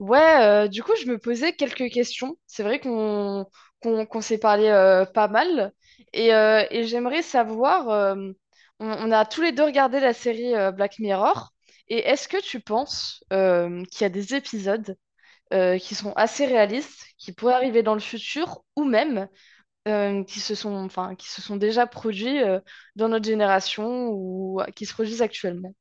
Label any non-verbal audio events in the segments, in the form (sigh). Ouais, du coup, je me posais quelques questions. C'est vrai qu'on s'est parlé pas mal. Et j'aimerais savoir, on a tous les deux regardé la série Black Mirror. Et est-ce que tu penses qu'il y a des épisodes qui sont assez réalistes, qui pourraient arriver dans le futur, ou même qui se sont, enfin, qui se sont déjà produits dans notre génération ou qui se produisent actuellement?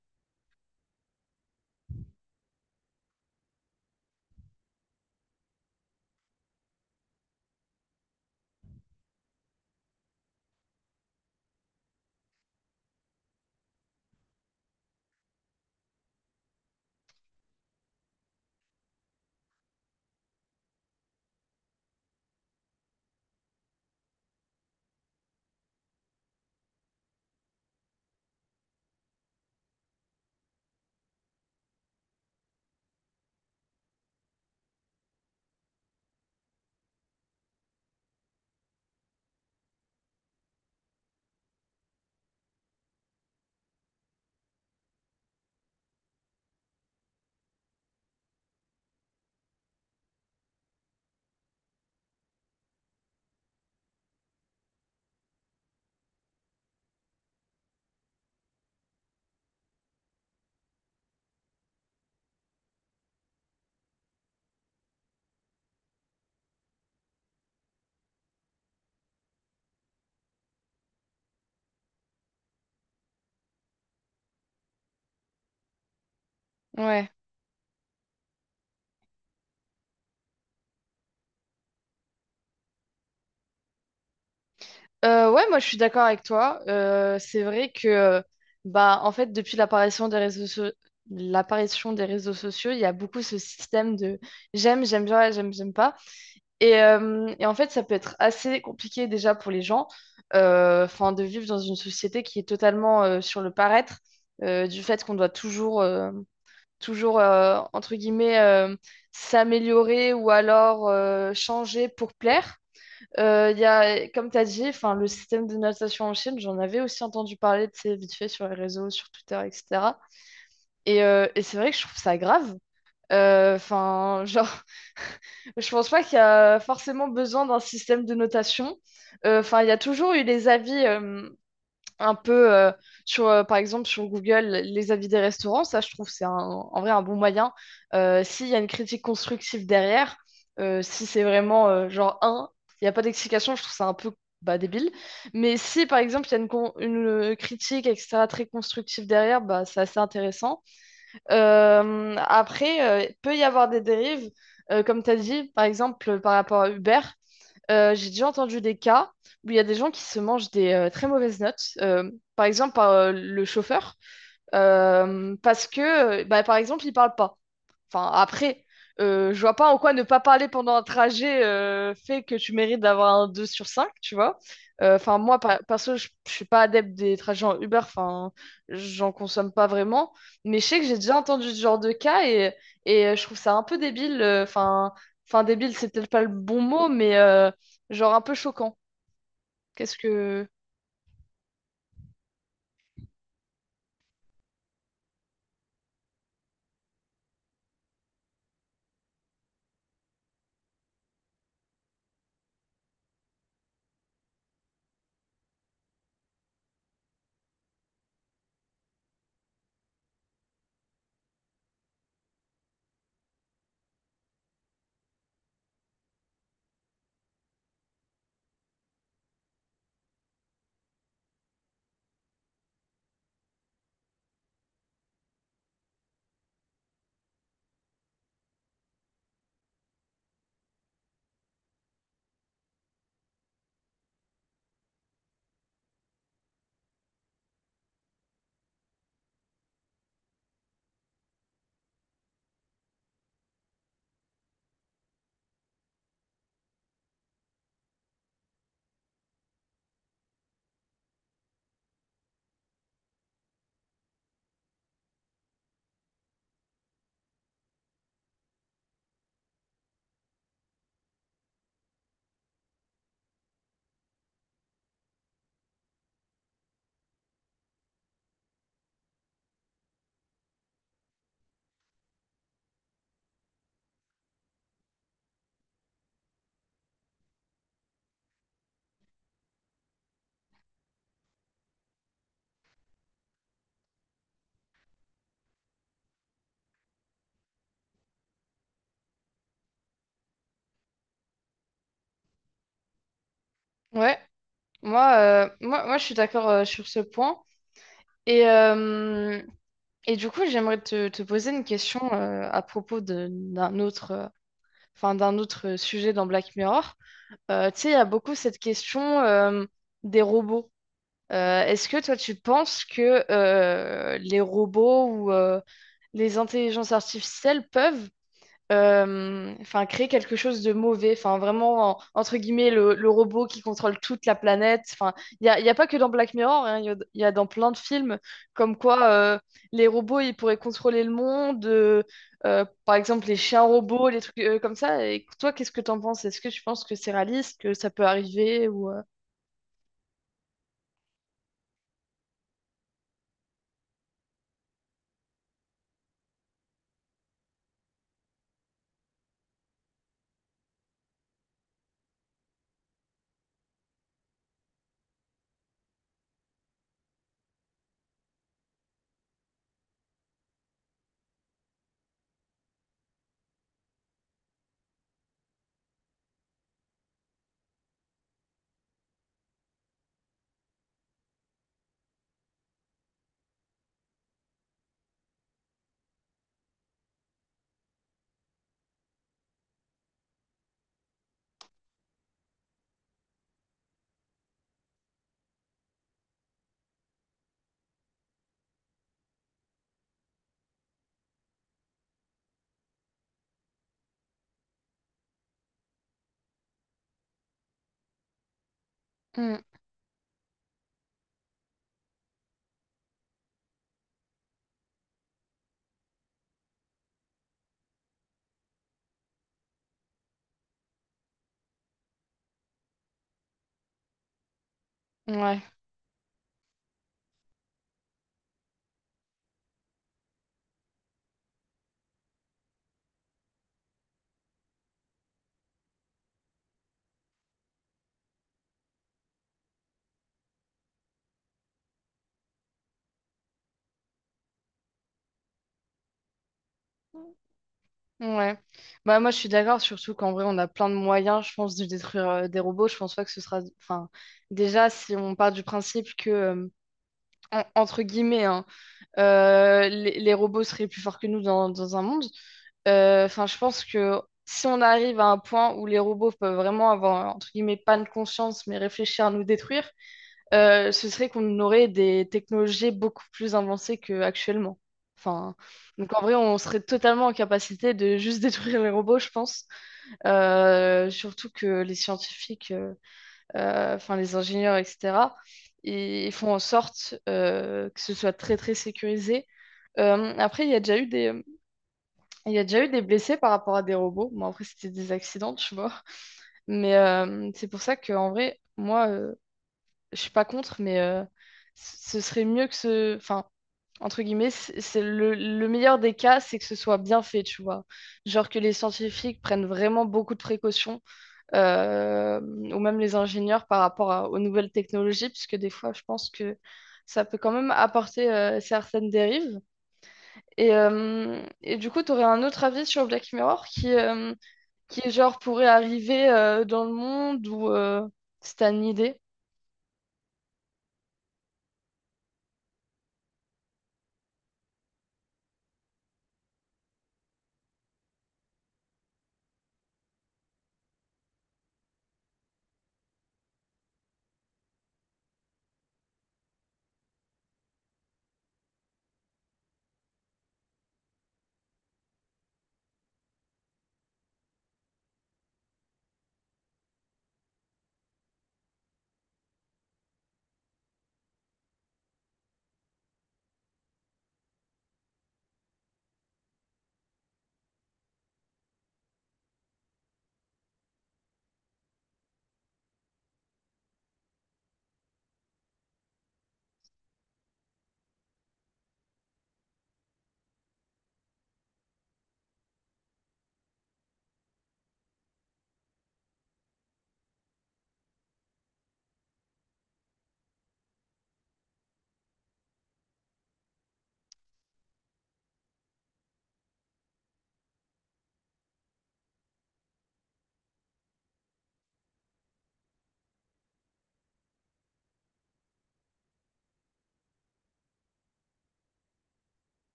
Ouais. Ouais, moi je suis d'accord avec toi. C'est vrai que bah en fait depuis l'apparition des réseaux sociaux, il y a beaucoup ce système de j'aime, j'aime bien, j'aime, j'aime pas. Et en fait, ça peut être assez compliqué déjà pour les gens, enfin de vivre dans une société qui est totalement sur le paraître, du fait qu'on doit toujours, entre guillemets, s'améliorer ou alors changer pour plaire. Il y a, comme tu as dit, enfin, le système de notation en Chine, j'en avais aussi entendu parler, tu sais, vite fait sur les réseaux, sur Twitter, etc. Et c'est vrai que je trouve ça grave. Genre, (laughs) je pense pas qu'il y a forcément besoin d'un système de notation. Enfin, il y a toujours eu les avis. Un peu sur par exemple sur Google les avis des restaurants ça je trouve en vrai un bon moyen. S'il y a une critique constructive derrière si c'est vraiment genre un il n'y a pas d'explication je trouve ça un peu bah, débile, mais si par exemple il y a une critique etc très constructive derrière bah, c'est assez intéressant. Après il peut y avoir des dérives comme tu as dit par exemple par rapport à Uber. J'ai déjà entendu des cas où il y a des gens qui se mangent des très mauvaises notes, par exemple par le chauffeur, parce que bah, par exemple, il parle pas. Enfin, après, je vois pas en quoi ne pas parler pendant un trajet fait que tu mérites d'avoir un 2 sur 5, tu vois. Moi, perso, je suis pas adepte des trajets en Uber, enfin, j'en consomme pas vraiment. Mais je sais que j'ai déjà entendu ce genre de cas et je trouve ça un peu débile. Enfin débile, c'est peut-être pas le bon mot, mais genre un peu choquant. Qu'est-ce que. Ouais, moi, moi, je suis d'accord sur ce point. Et. euh, Et du coup, j'aimerais te poser une question à propos d'un autre, enfin, d'un autre sujet dans Black Mirror. Tu sais, il y a beaucoup cette question des robots. Est-ce que toi, tu penses que les robots ou les intelligences artificielles peuvent enfin, créer quelque chose de mauvais. Enfin, vraiment, entre guillemets, le robot qui contrôle toute la planète. Enfin, il y a pas que dans Black Mirror, hein, il y a dans plein de films comme quoi les robots, ils pourraient contrôler le monde. Par exemple, les chiens robots, les trucs comme ça. Et toi, qu'est-ce que t'en penses? Est-ce que tu penses que c'est réaliste, que ça peut arriver ou, hmm, ouais. Ouais. Bah, moi, je suis d'accord, surtout qu'en vrai, on a plein de moyens, je pense, de détruire des robots. Je pense pas que ce sera. Enfin, déjà, si on part du principe que, euh, entre guillemets, hein, euh, les robots seraient plus forts que nous dans un monde, enfin, je pense que si on arrive à un point où les robots peuvent vraiment avoir, entre guillemets, pas de conscience, mais réfléchir à nous détruire, ce serait qu'on aurait des technologies beaucoup plus avancées qu'actuellement. Enfin, donc en vrai, on serait totalement en capacité de juste (laughs) détruire les robots, je pense. Surtout que les scientifiques, enfin les ingénieurs, etc., ils ils font en sorte que ce soit très très sécurisé. Après, il y a déjà eu des blessés par rapport à des robots. Bon, après, c'était des accidents, tu vois. Mais c'est pour ça que en vrai, moi, je suis pas contre, mais ce serait mieux que ce. Enfin, entre guillemets, c'est le meilleur des cas, c'est que ce soit bien fait, tu vois. Genre que les scientifiques prennent vraiment beaucoup de précautions, ou même les ingénieurs par rapport aux nouvelles technologies, puisque des fois, je pense que ça peut quand même apporter certaines dérives. Et du coup, tu aurais un autre avis sur Black Mirror qui genre, pourrait arriver dans le monde ou si t'as une idée.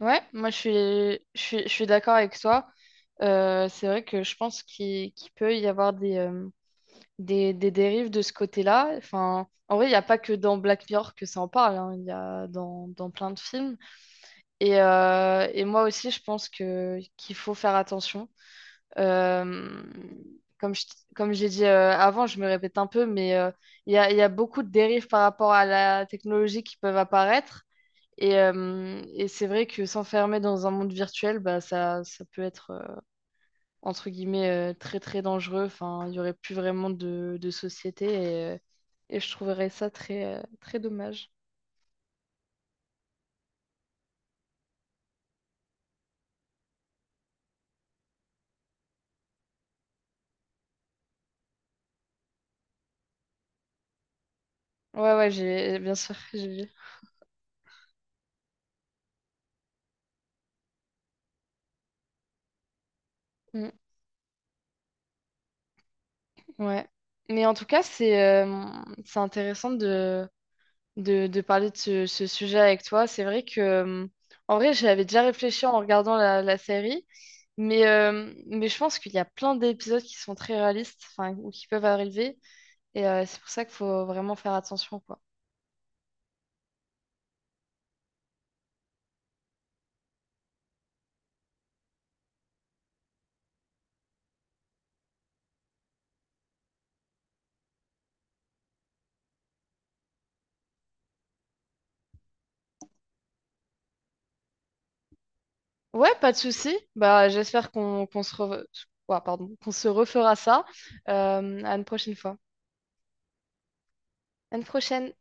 Ouais, moi je suis d'accord avec toi. C'est vrai que je pense qu'il peut y avoir des, euh, des dérives de ce côté-là. Enfin, en vrai, il n'y a pas que dans Black Mirror que ça en parle, hein. Il y a dans plein de films. Et moi aussi, je pense que qu'il faut faire attention. Euh, comme je- Comme j'ai dit avant, je me répète un peu, mais il y a beaucoup de dérives par rapport à la technologie qui peuvent apparaître. Et c'est vrai que s'enfermer dans un monde virtuel, bah, ça peut être, entre guillemets, très très dangereux. Enfin, il n'y aurait plus vraiment de société et je trouverais ça très, très dommage. Ouais, ouais, j'ai, bien sûr, (laughs) j'ai vu. Mm, ouais. Mais en tout cas, c'est intéressant de parler de ce sujet avec toi. C'est vrai que, en vrai, j'avais déjà réfléchi en regardant la série, mais je pense qu'il y a plein d'épisodes qui sont très réalistes, enfin, ou qui peuvent arriver, et c'est pour ça qu'il faut vraiment faire attention, quoi. Ouais, pas de souci. Bah, j'espère qu'on ouah, pardon, qu'on se refera ça à une prochaine fois. À une prochaine.